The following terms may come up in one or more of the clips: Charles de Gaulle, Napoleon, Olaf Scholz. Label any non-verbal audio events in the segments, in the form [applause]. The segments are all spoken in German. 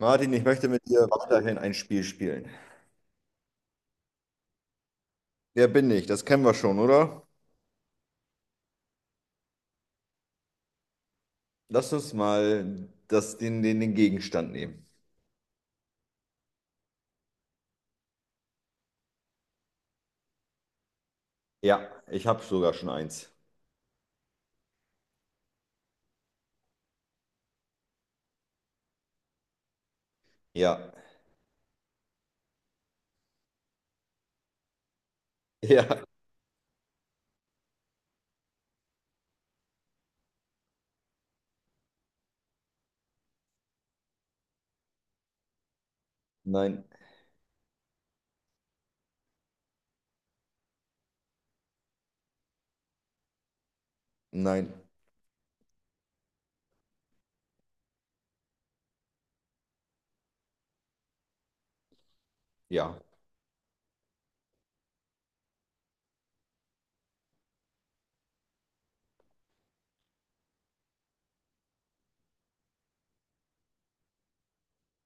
Martin, ich möchte mit dir weiterhin ein Spiel spielen. Wer bin ich? Das kennen wir schon, oder? Lass uns mal den Gegenstand nehmen. Ja, ich habe sogar schon eins. Ja, [laughs] ja, nein, nein, ja,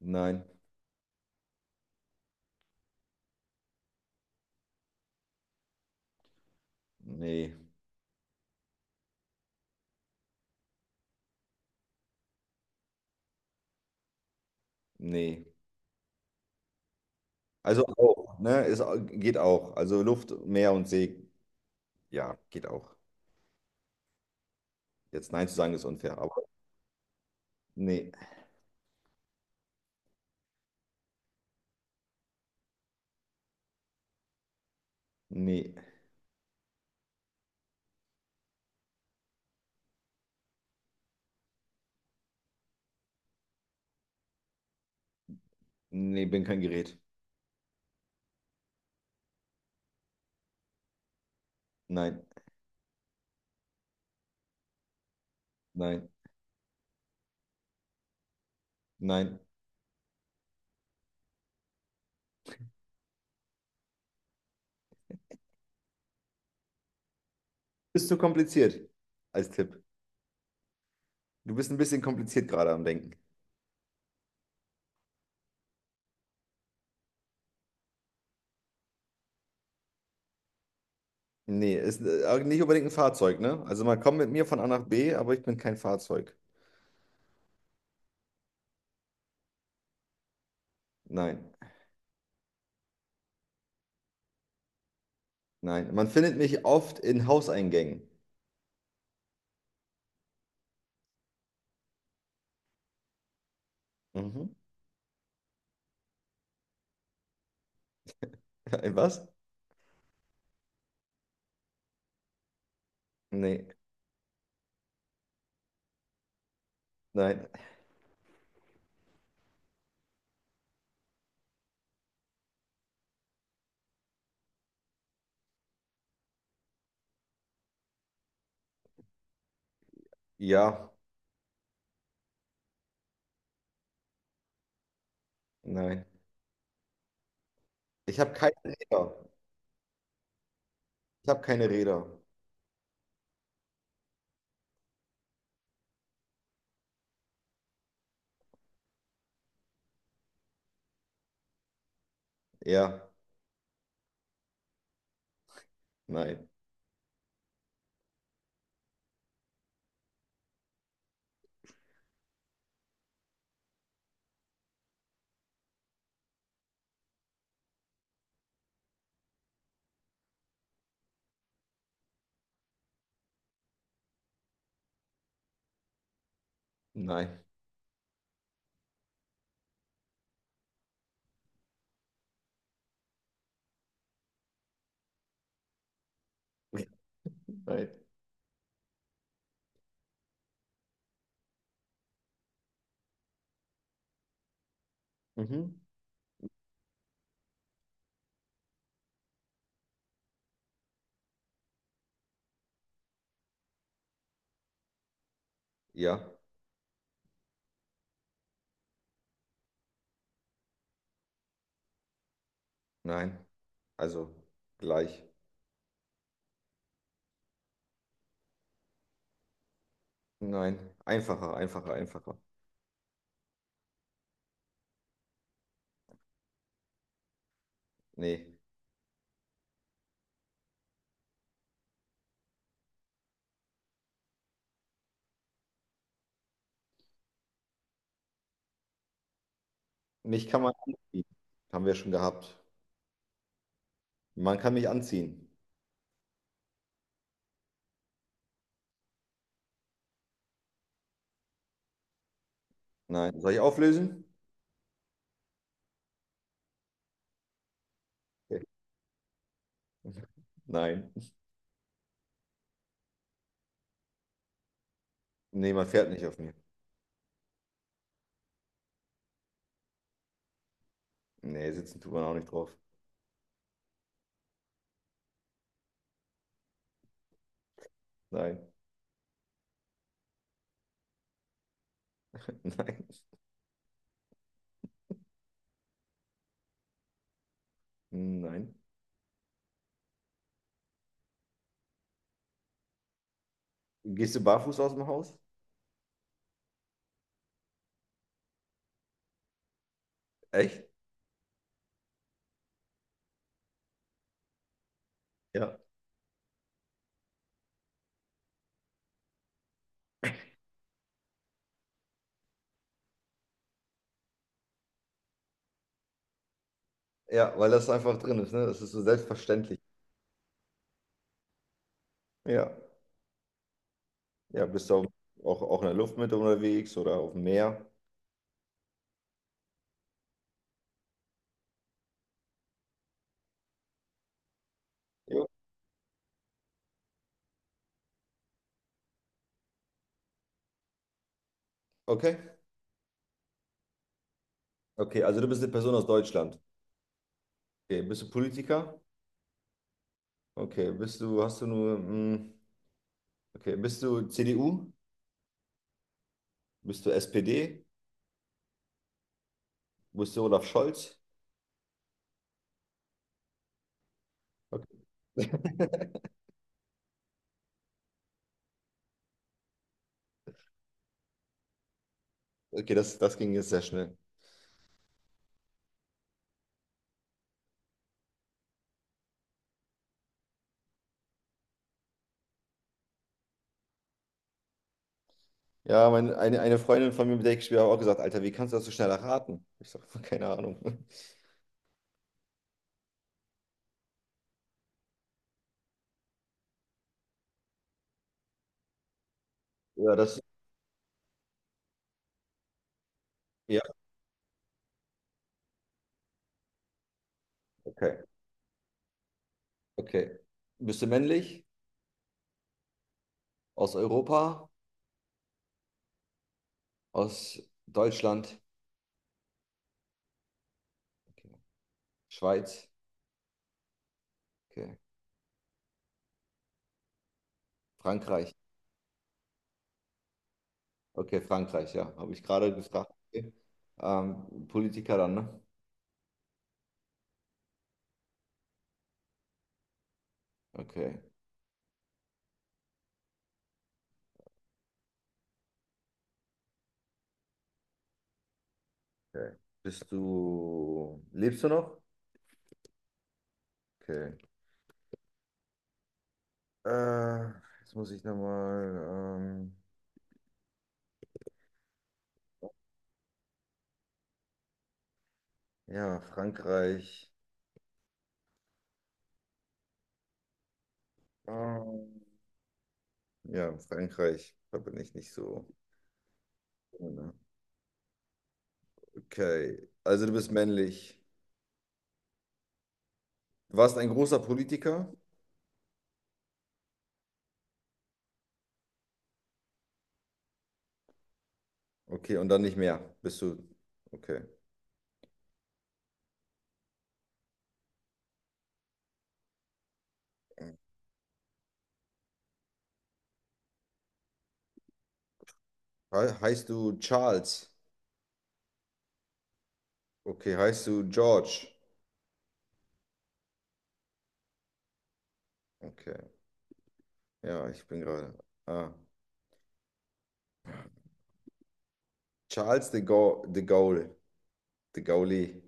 nein, nee, nee. Also auch, ne? Es geht auch. Also Luft, Meer und See, ja, geht auch. Jetzt Nein zu sagen ist unfair, aber nee, nee, nee, bin kein Gerät. Nein, nein, nein. Bist zu kompliziert als Tipp. Du bist ein bisschen kompliziert gerade am Denken. Nee, ist nicht unbedingt ein Fahrzeug, ne? Also man kommt mit mir von A nach B, aber ich bin kein Fahrzeug. Nein, nein. Man findet mich oft in Hauseingängen. Mhm. [laughs] In was? Nee, nein. Ja, nein. Ich habe keine Räder. Ich habe keine Räder. Ja, nein, nein, [laughs] nein. Mhm. Ja, nein. Also gleich. Nein. Einfacher, einfacher, einfacher. Nee. Mich kann man anziehen. Haben wir schon gehabt. Man kann mich anziehen. Nein. Soll ich auflösen? Okay. [laughs] Nein. Nee, man fährt nicht auf mir. Nee, sitzen tut man auch nicht drauf. Nein. [laughs] Nein. Nein. Gehst du barfuß aus dem Haus? Echt? Ja. Ja, weil das einfach drin ist, ne? Das ist so selbstverständlich. Ja. Ja, bist du auch, in der Luft mit unterwegs oder auf dem Meer? Ja. Okay. Okay, also du bist eine Person aus Deutschland. Okay, bist du Politiker? Okay, bist du, hast du nur, okay, bist du CDU? Bist du SPD? Wo ist der Olaf Scholz? Okay, [laughs] okay das, das ging jetzt sehr schnell. Ja, meine, eine Freundin von mir, mit der ich gespielt habe, hat auch gesagt, Alter, wie kannst du das so schnell erraten? Ich sage, keine Ahnung. [laughs] Ja, das, ja, okay, okay. Bist du männlich? Aus Europa? Aus Deutschland? Okay. Schweiz? Okay. Frankreich? Okay, Frankreich, ja. Habe ich gerade gefragt. Okay. Politiker dann, ne? Okay. Okay. Bist du, lebst du noch? Okay. Äh, jetzt muss ich nochmal. Ähm, ja, Frankreich. Ähm, ja, Frankreich. Da bin ich nicht so. Okay. Also du bist männlich. Du warst ein großer Politiker. Okay, und dann nicht mehr. Bist du. Okay. He heißt du Charles? Okay, heißt du George? Okay. Ja, ich bin gerade. Ah. Charles de Gaulle. De Gaulle. De Gaulle.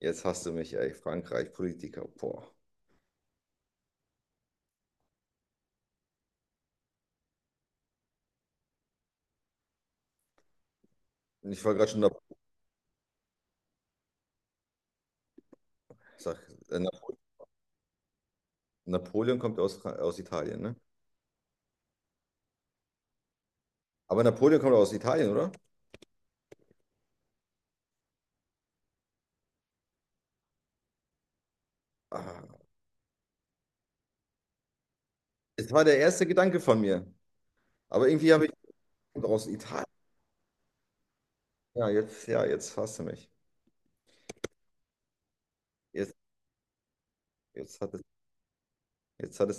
Jetzt hast du mich, ey. Frankreich, Politiker. Boah. Ich war gerade schon dabei. Sag, äh, Napoleon kommt aus, aus Italien, ne? Aber Napoleon kommt aus Italien, oder? Ah, es war der erste Gedanke von mir. Aber irgendwie habe ich aus Italien. Ja, jetzt fasst du mich. Jetzt, jetzt hat es, jetzt hat es